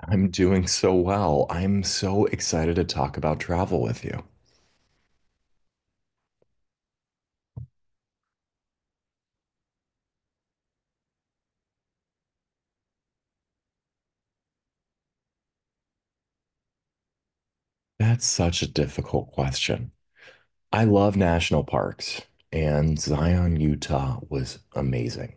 I'm doing so well. I'm so excited to talk about travel with you. That's such a difficult question. I love national parks, and Zion, Utah was amazing.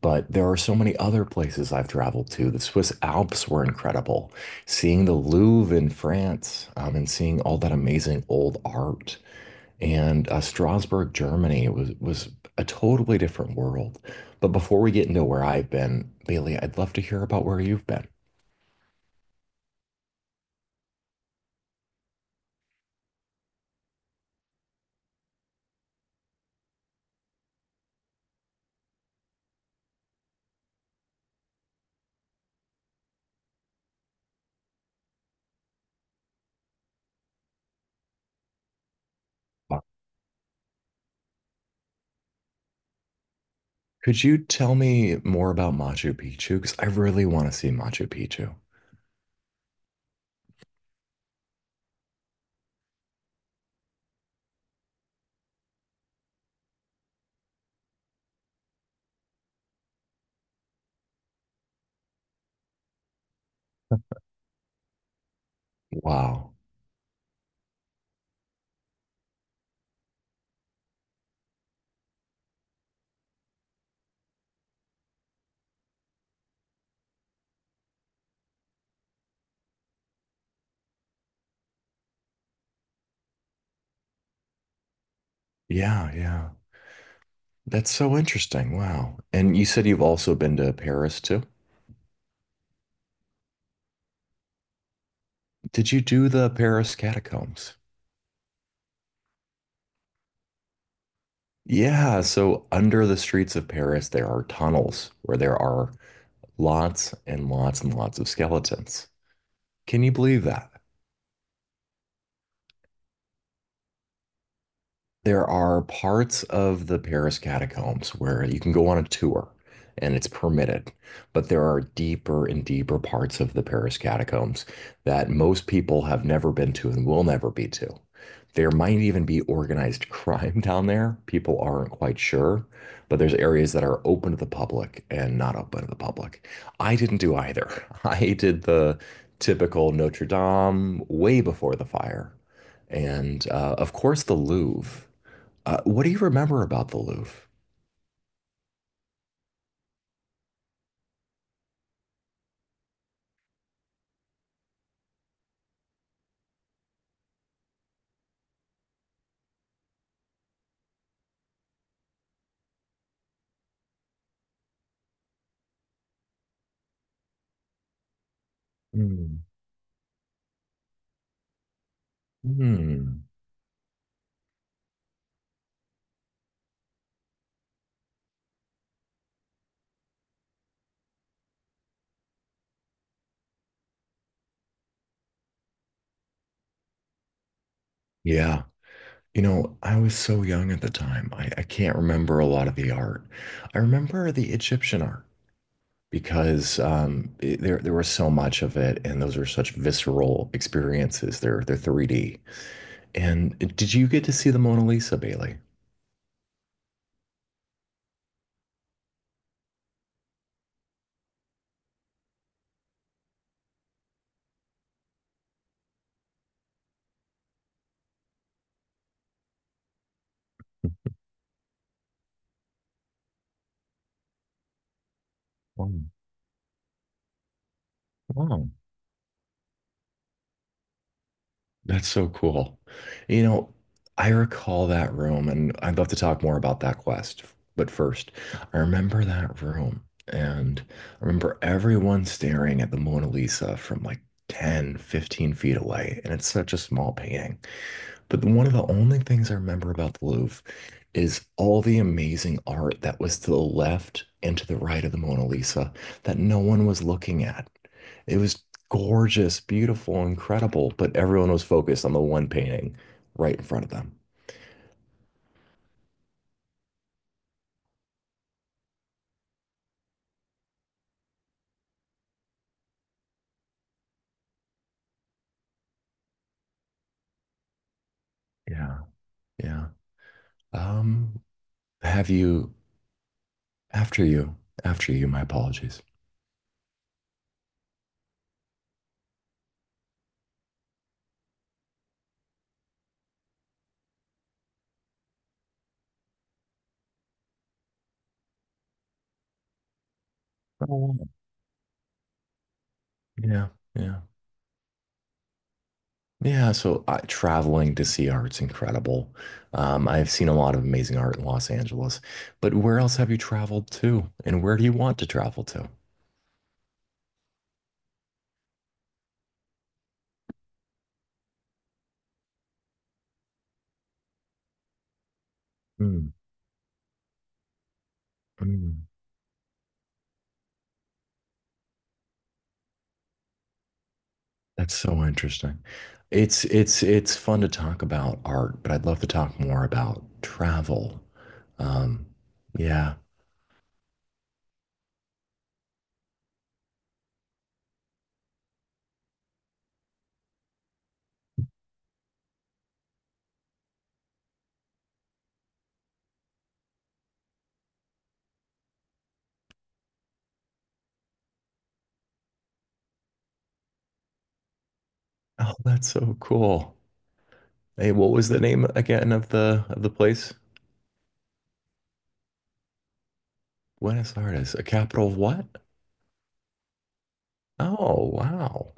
But there are so many other places I've traveled to. The Swiss Alps were incredible. Seeing the Louvre in France, and seeing all that amazing old art, and Strasbourg, Germany was a totally different world. But before we get into where I've been, Bailey, I'd love to hear about where you've been. Could you tell me more about Machu Picchu? Because I really want to see Machu Picchu. Wow. Yeah, yeah. That's so interesting. Wow. And you said you've also been to Paris too? Did you do the Paris catacombs? Yeah, so under the streets of Paris, there are tunnels where there are lots and lots and lots of skeletons. Can you believe that? There are parts of the Paris catacombs where you can go on a tour and it's permitted, but there are deeper and deeper parts of the Paris catacombs that most people have never been to and will never be to. There might even be organized crime down there. People aren't quite sure, but there's areas that are open to the public and not open to the public. I didn't do either. I did the typical Notre Dame way before the fire. And of course, the Louvre, what do you remember about the Louvre? Hmm. Hmm. Yeah. You know, I was so young at the time. I can't remember a lot of the art. I remember the Egyptian art because there was so much of it, and those are such visceral experiences. They're 3D. And did you get to see the Mona Lisa, Bailey? Wow. Wow. That's so cool. You know, I recall that room, and I'd love to talk more about that quest. But first, I remember that room, and I remember everyone staring at the Mona Lisa from like 10, 15 feet away. And it's such a small painting. But one of the only things I remember about the Louvre is all the amazing art that was to the left and to the right of the Mona Lisa that no one was looking at. It was gorgeous, beautiful, incredible, but everyone was focused on the one painting right in front of them. Yeah. Yeah. Um, have you, after you, after you, my apologies. Oh, wow. Yeah, yeah. Yeah, so traveling to see art's incredible. I've seen a lot of amazing art in Los Angeles, but where else have you traveled to, and where do you want to travel to? Mm, mm. That's so interesting. It's it's fun to talk about art, but I'd love to talk more about travel. Um, yeah. Oh, that's so cool. Hey, what was the name again of the place? Buenos Aires, a capital of what? Oh, wow.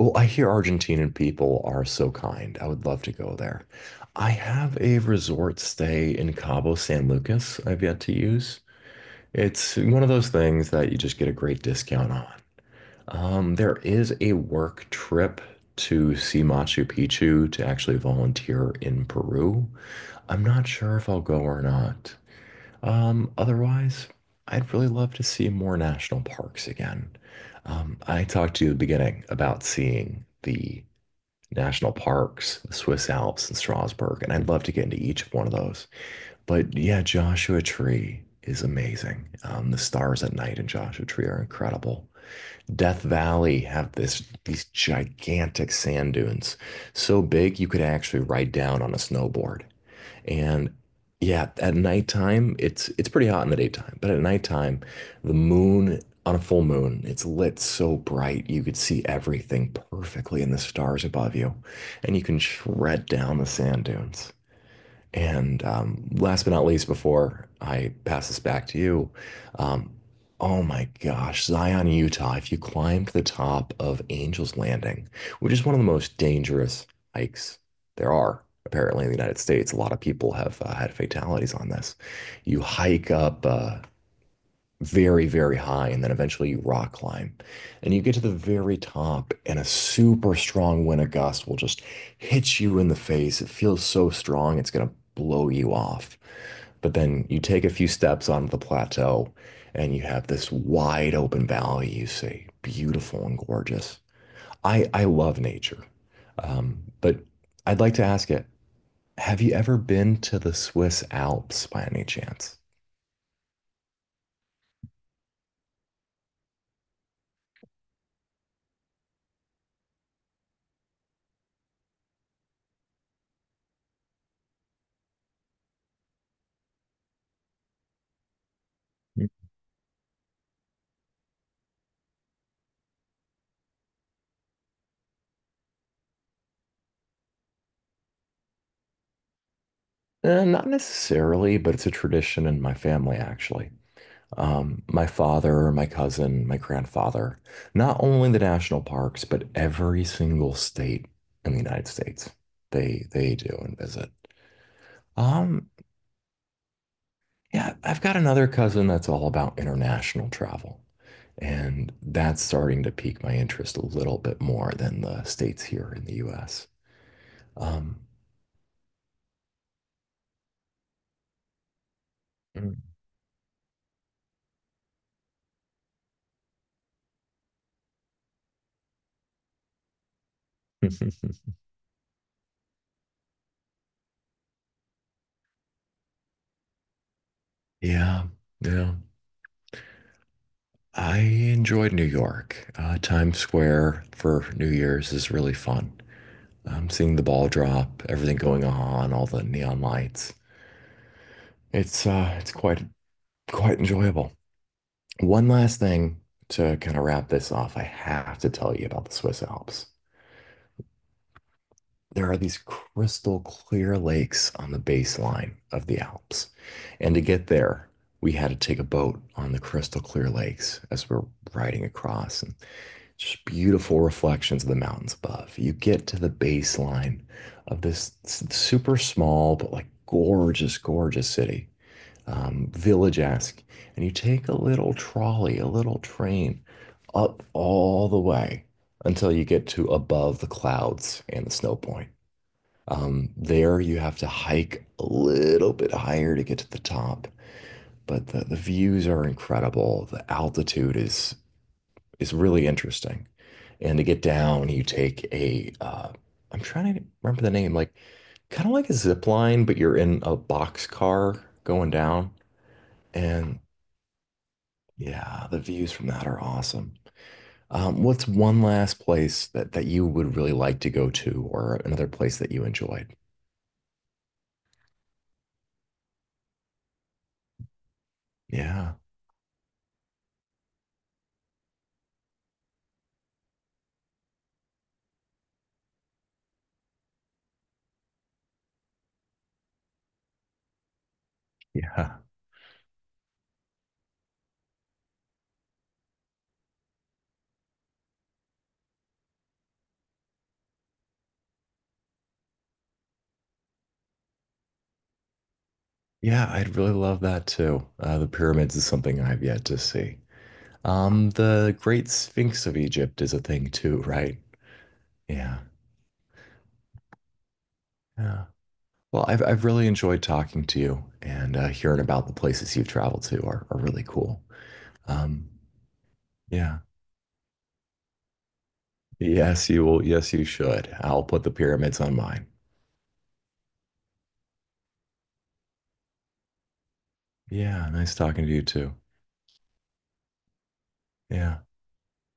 Well, I hear Argentinian people are so kind. I would love to go there. I have a resort stay in Cabo San Lucas I've yet to use. It's one of those things that you just get a great discount on. There is a work trip to see Machu Picchu to actually volunteer in Peru. I'm not sure if I'll go or not. Otherwise, I'd really love to see more national parks again. I talked to you at the beginning about seeing the national parks, the Swiss Alps, and Strasbourg. And I'd love to get into each one of those. But yeah, Joshua Tree is amazing. The stars at night in Joshua Tree are incredible. Death Valley have this these gigantic sand dunes, so big you could actually ride down on a snowboard. And yeah, at nighttime, it's pretty hot in the daytime, but at nighttime, the moon on a full moon, it's lit so bright you could see everything perfectly in the stars above you, and you can shred down the sand dunes. And last but not least, before I pass this back to you, um, oh my gosh, Zion, Utah, if you climb to the top of Angel's Landing, which is one of the most dangerous hikes there are, apparently, in the United States, a lot of people have had fatalities on this. You hike up very, very high, and then eventually you rock climb. And you get to the very top, and a super strong wind of gust will just hit you in the face. It feels so strong, it's gonna blow you off. But then you take a few steps onto the plateau, and you have this wide open valley you see, beautiful and gorgeous. I love nature. But I'd like to ask it, have you ever been to the Swiss Alps by any chance? Eh, not necessarily, but it's a tradition in my family, actually. My father, my cousin, my grandfather, not only the national parks, but every single state in the United States, they do and visit. Um, yeah, I've got another cousin that's all about international travel, and that's starting to pique my interest a little bit more than the states here in the US. Um, Yeah, yeah. I enjoyed New York. Times Square for New Year's is really fun. Seeing the ball drop, everything going on, all the neon lights. It's quite enjoyable. One last thing to kind of wrap this off, I have to tell you about the Swiss Alps. There are these crystal clear lakes on the baseline of the Alps. And to get there, we had to take a boat on the crystal clear lakes as we're riding across. And just beautiful reflections of the mountains above. You get to the baseline of this super small but like gorgeous, gorgeous city, village-esque, and you take a little trolley, a little train up all the way until you get to above the clouds and the snow point. There you have to hike a little bit higher to get to the top, but the views are incredible. The altitude is really interesting. And to get down, you take a I'm trying to remember the name, like kind of like a zip line, but you're in a box car going down. And yeah, the views from that are awesome. What's one last place that you would really like to go to, or another place that you enjoyed? Yeah, yeah, yeah. I'd really love that too. The pyramids is something I've yet to see. The Great Sphinx of Egypt is a thing too, right? Yeah, yeah. Well, I've really enjoyed talking to you and hearing about the places you've traveled to are really cool. Um, yeah. Yes, you will. Yes, you should. I'll put the pyramids on mine. Yeah. Nice talking to you too. Yeah.